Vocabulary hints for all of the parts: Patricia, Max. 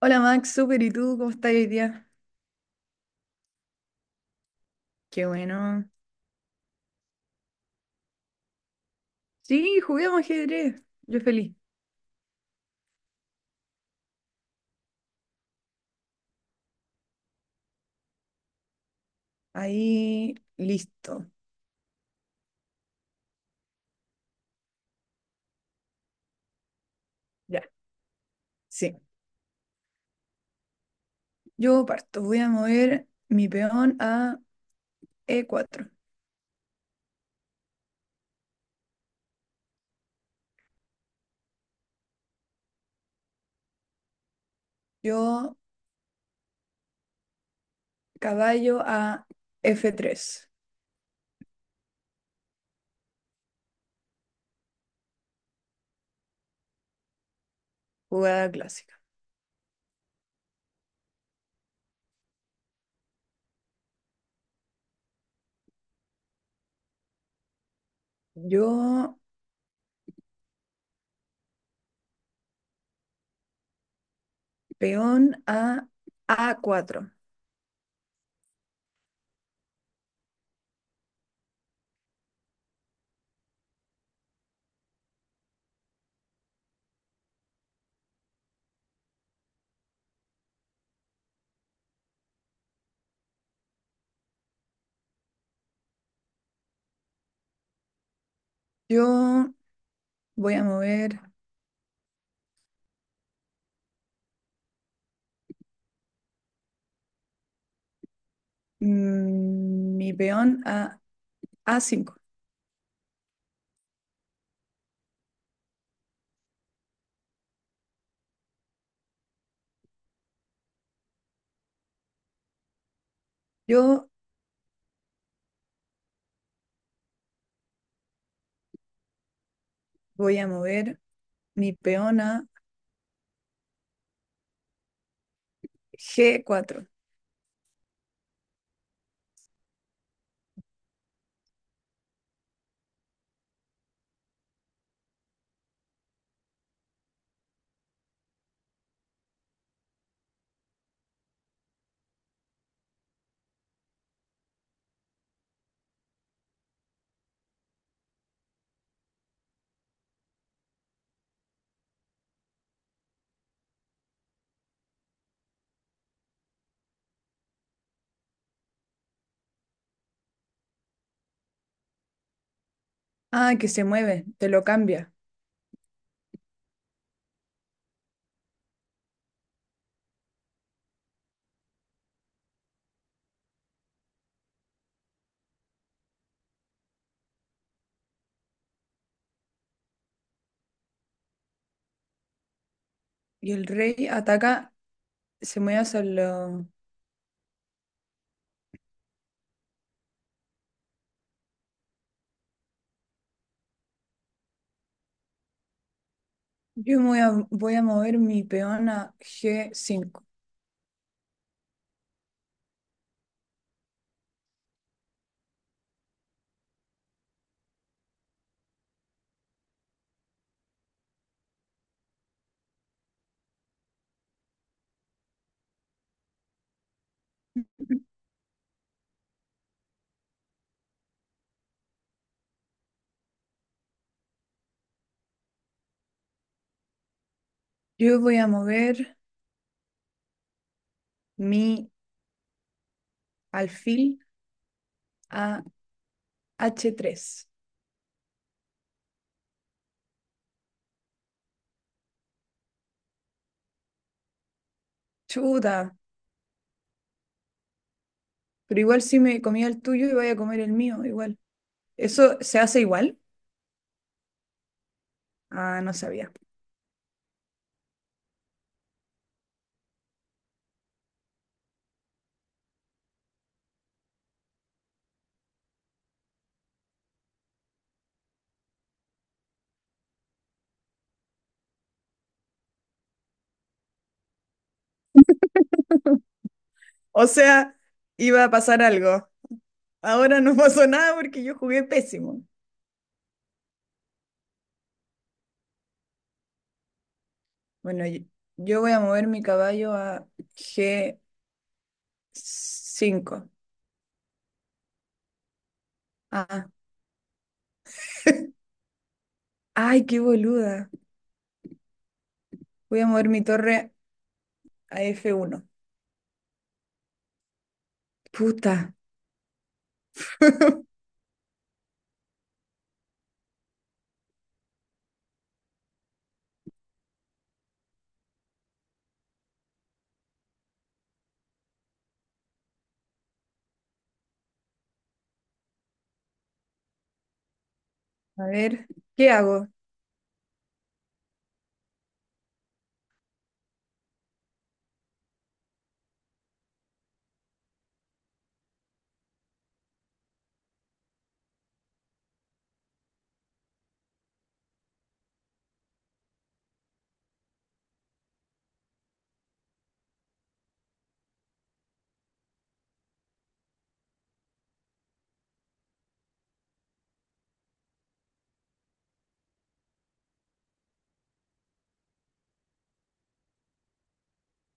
Hola Max, súper, ¿y tú cómo estás hoy día? Qué bueno. Sí, juguemos ajedrez. Yo feliz. Ahí, listo. Ya, sí. Yo parto. Voy a mover mi peón a E4. Yo caballo a F3. Jugada clásica. Yo peón a A4. Yo voy a mover mi peón a A5. Yo voy a mover mi peón a G4. Ah, que se mueve, te lo cambia. Y el rey ataca, se mueve hacia lo. Yo voy a mover mi peón a G5. Yo voy a mover mi alfil a H3. Chuta, pero igual si me comía el tuyo y voy a comer el mío, igual. ¿Eso se hace igual? Ah, no sabía. O sea, iba a pasar algo. Ahora no pasó nada porque yo jugué pésimo. Bueno, yo voy a mover mi caballo a G5. Ah, ay, qué boluda. Voy a mover mi torre a F1. Puta. A ver, ¿qué hago?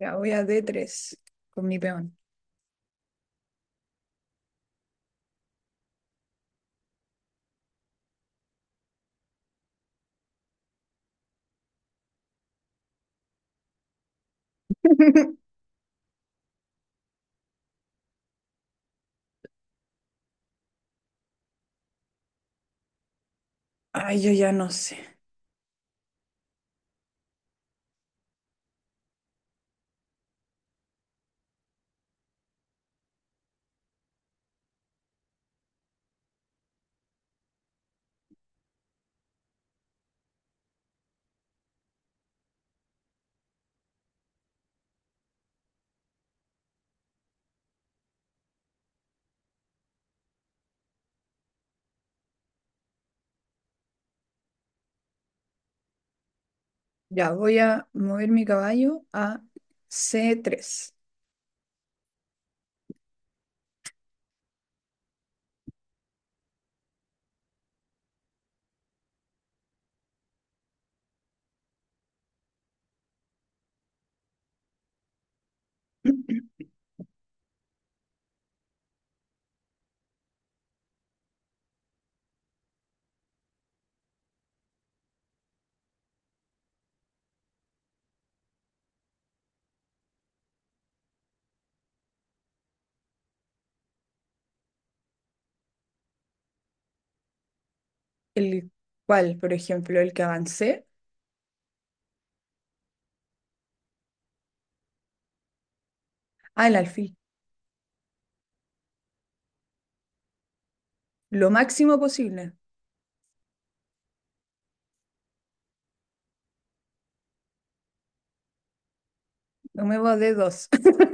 Ya voy a D3 con mi peón. Ay, yo ya no sé. Ya voy a mover mi caballo a C3. El cual, por ejemplo, el que avancé. Ah, el alfil. Lo máximo posible. No me va de dos.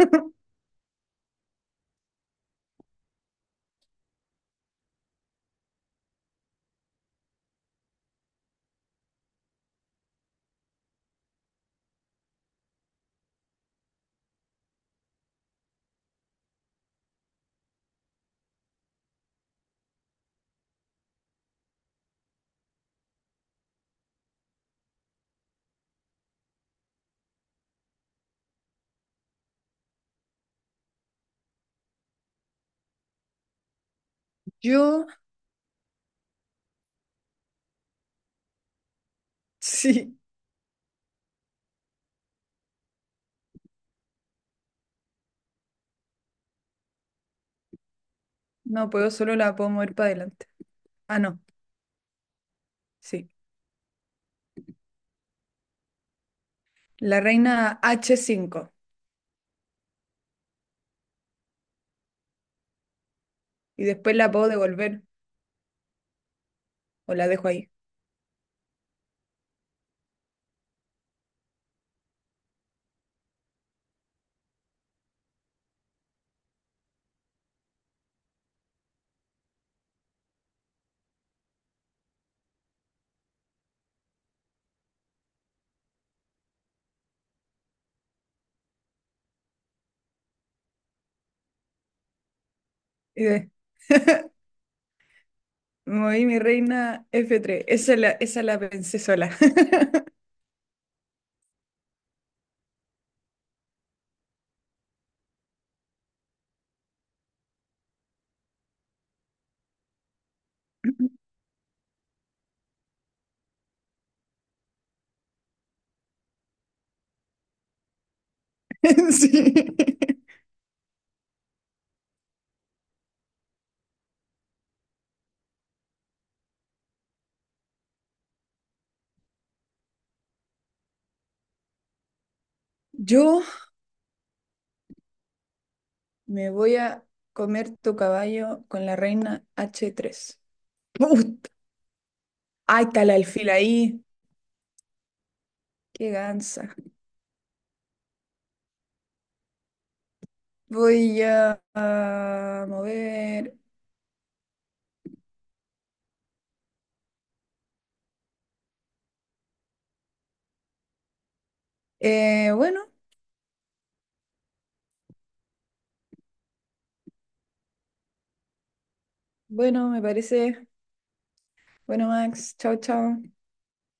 Yo, sí, no puedo, solo la puedo mover para adelante. Ah, no, sí. La reina H5. Y después la puedo devolver o la dejo ahí. Y de- Moví mi reina F3. Esa la pensé sola. Sí. Yo me voy a comer tu caballo con la reina H3. ¡Put! Ahí está el alfil ahí. Qué gansa. Voy a mover. Bueno, bueno, me parece. Bueno, Max, chao, chao.